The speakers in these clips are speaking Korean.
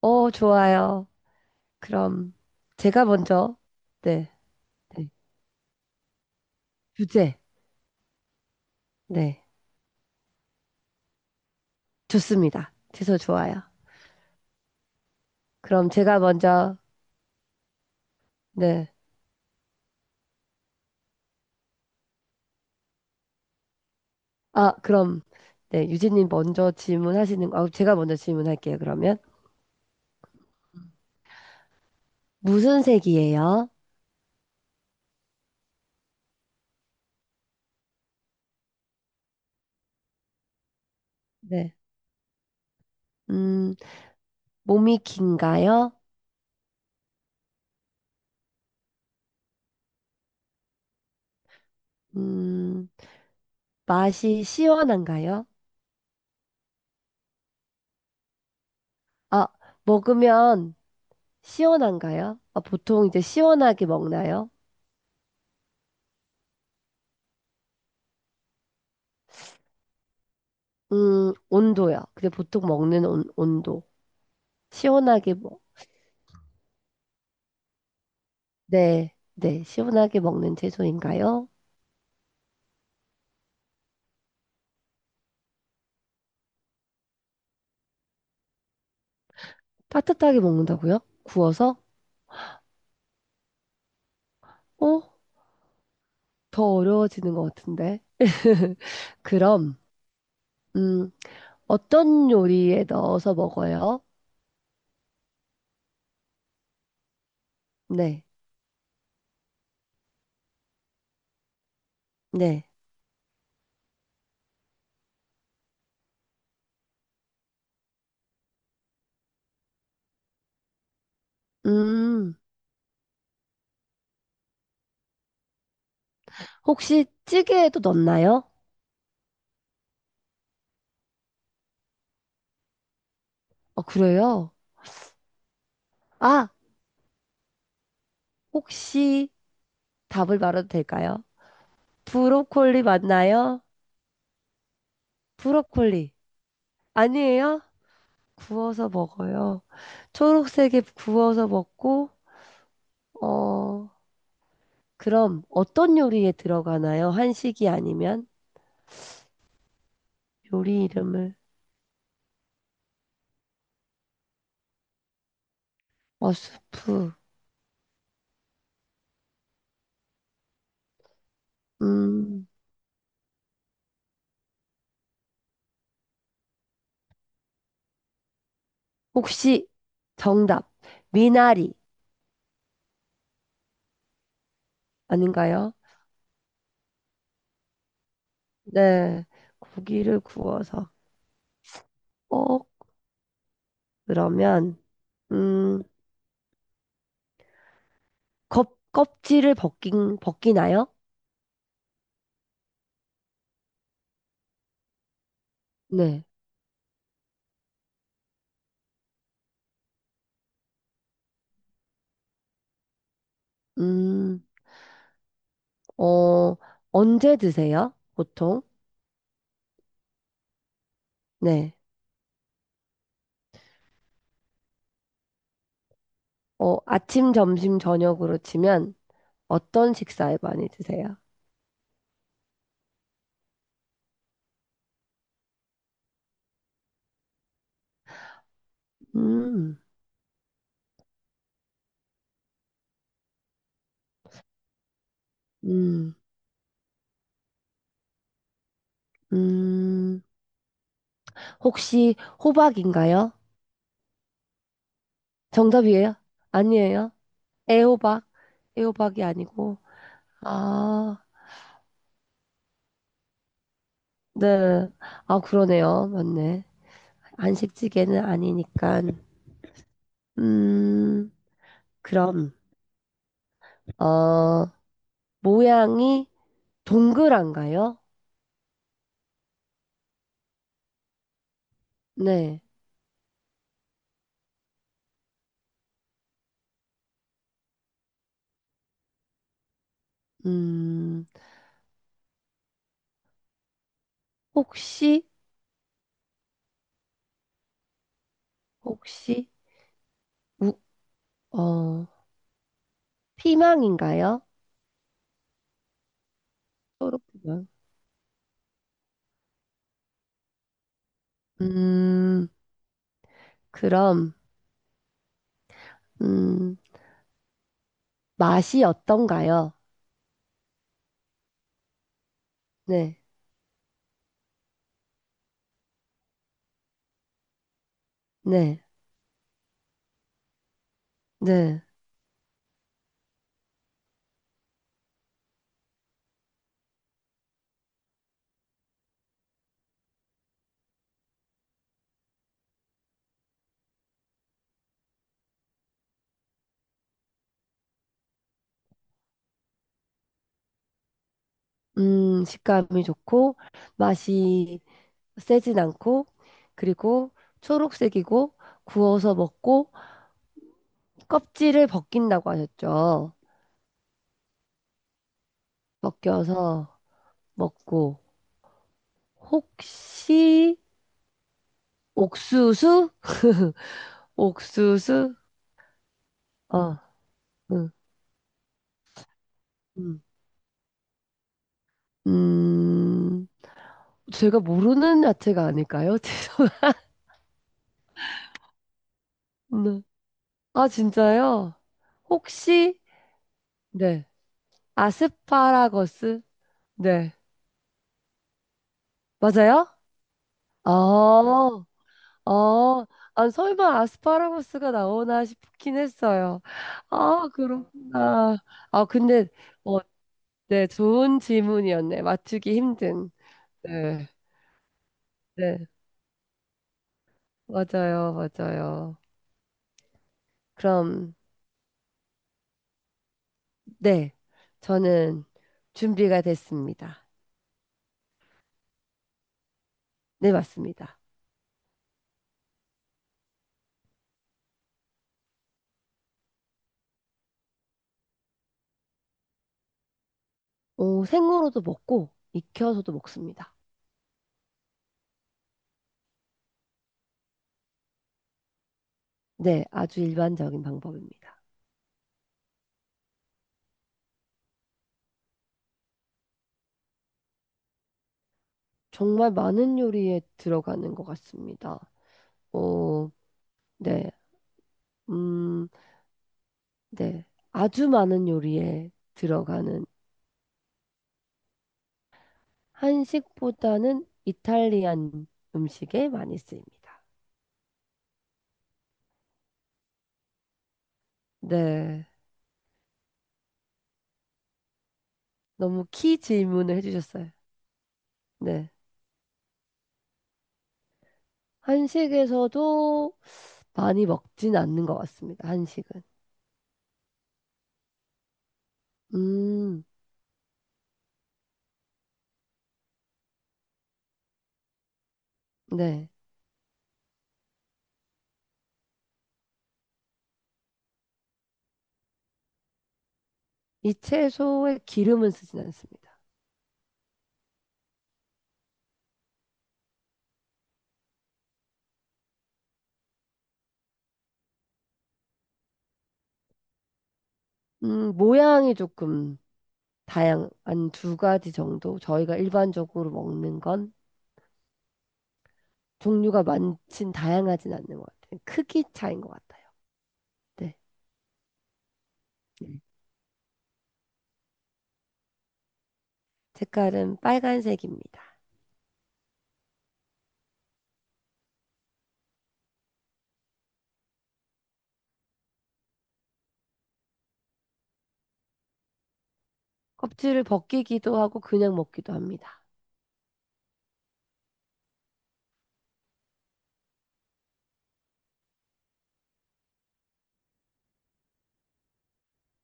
어, 좋아요. 그럼 제가 먼저, 네, 네. 주제, 네, 좋습니다. 주소 좋아요. 그럼 제가 먼저, 네, 아, 그럼, 네, 유진님 먼저 아, 제가 먼저 질문할게요, 그러면. 무슨 색이에요? 네, 음, 몸이 긴가요? 음, 맛이 시원한가요? 아, 먹으면 시원한가요? 아, 보통 이제 시원하게 먹나요? 온도요. 근데 보통 먹는 온도. 시원하게 먹, 네, 네, 시원하게 먹는 채소인가요? 따뜻하게 먹는다고요? 구워서? 어? 더 어려워지는 것 같은데. 그럼, 음, 어떤 요리에 넣어서 먹어요? 네, 네. 음, 혹시 찌개에도 넣나요? 어, 그래요? 아, 혹시 답을 말해도 될까요? 브로콜리 맞나요? 브로콜리. 아니에요? 구워서 먹어요. 초록색에 구워서 먹고, 어, 그럼 어떤 요리에 들어가나요? 한식이 아니면? 요리 이름을. 어, 수프. 음, 혹시 정답. 미나리 아닌가요? 네. 고기를 구워서. 어, 그러면, 음, 껍질을 벗기나요? 네. 음, 어, 언제 드세요? 보통? 네. 어, 아침, 점심, 저녁으로 치면 어떤 식사에 많이 드세요? 음, 음, 음. 혹시 호박인가요? 정답이에요? 아니에요? 애호박? 애호박이 아니고. 아, 네. 아, 그러네요. 맞네. 한식찌개는 아니니까. 음, 그럼, 어, 모양이 동그란가요? 네. 음, 혹시, 혹시, 우, 어, 피망인가요? 초록피망. 음, 그럼, 음, 맛이 어떤가요? 네, 네, 네. 식감이 좋고, 맛이 세진 않고, 그리고 초록색이고, 구워서 먹고, 껍질을 벗긴다고 하셨죠. 벗겨서 먹고, 혹시, 옥수수? 옥수수? 어, 음, 음, 음. 제가 모르는 야채가 아닐까요? 죄송합니다. 아, 진짜요? 혹시, 네. 아스파라거스? 네. 맞아요? 아, 아, 아, 설마 아스파라거스가 나오나 싶긴 했어요. 아, 그렇구나. 아, 근데, 어, 네. 좋은 질문이었네. 맞추기 힘든. 네. 네. 맞아요. 맞아요. 그럼, 네. 저는 준비가 됐습니다. 네, 맞습니다. 어, 생으로도 먹고 익혀서도 먹습니다. 네, 아주 일반적인 방법입니다. 정말 많은 요리에 들어가는 것 같습니다. 어, 네, 음, 네, 아주 많은 요리에 들어가는 한식보다는 이탈리안 음식에 많이 쓰입니다. 네, 너무 키 질문을 해주셨어요. 네, 한식에서도 많이 먹진 않는 것 같습니다. 한식은. 음, 네. 이 채소에 기름은 쓰진 않습니다. 모양이 조금 다양한 두 가지 정도 저희가 일반적으로 먹는 건 종류가 많진 다양하진 않는 것 같아요. 크기 차이인 것 같아요. 네. 색깔은 빨간색입니다. 껍질을 벗기기도 하고 그냥 먹기도 합니다.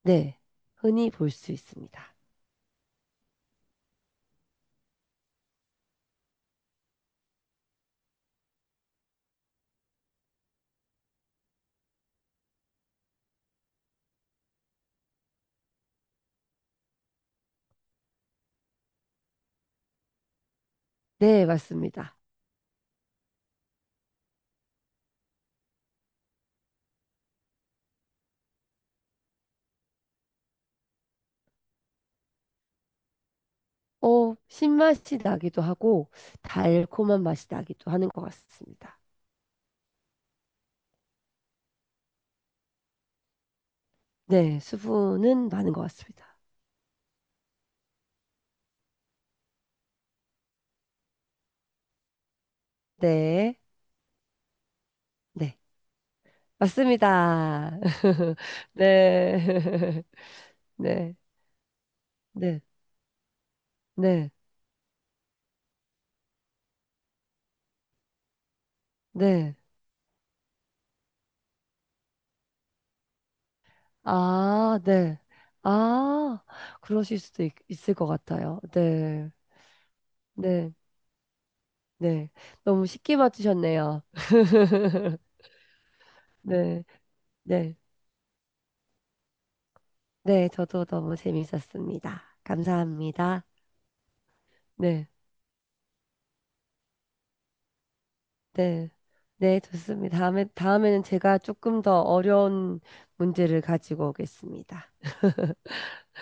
네. 흔히 볼 수 있습니다. 네, 맞습니다. 어, 신맛이 나기도 하고 달콤한 맛이 나기도 하는 것 같습니다. 네, 수분은 많은 것 같습니다. 네. 네. 맞습니다. 네. 네. 네. 네. 네. 아, 네. 아, 그러실 수도 있을 것 같아요. 네. 네. 네. 너무 쉽게 맞추셨네요. 네. 네. 네. 저도 너무 재밌었습니다. 감사합니다. 네. 네. 네. 좋습니다. 다음에, 다음에는 제가 조금 더 어려운 문제를 가지고 오겠습니다.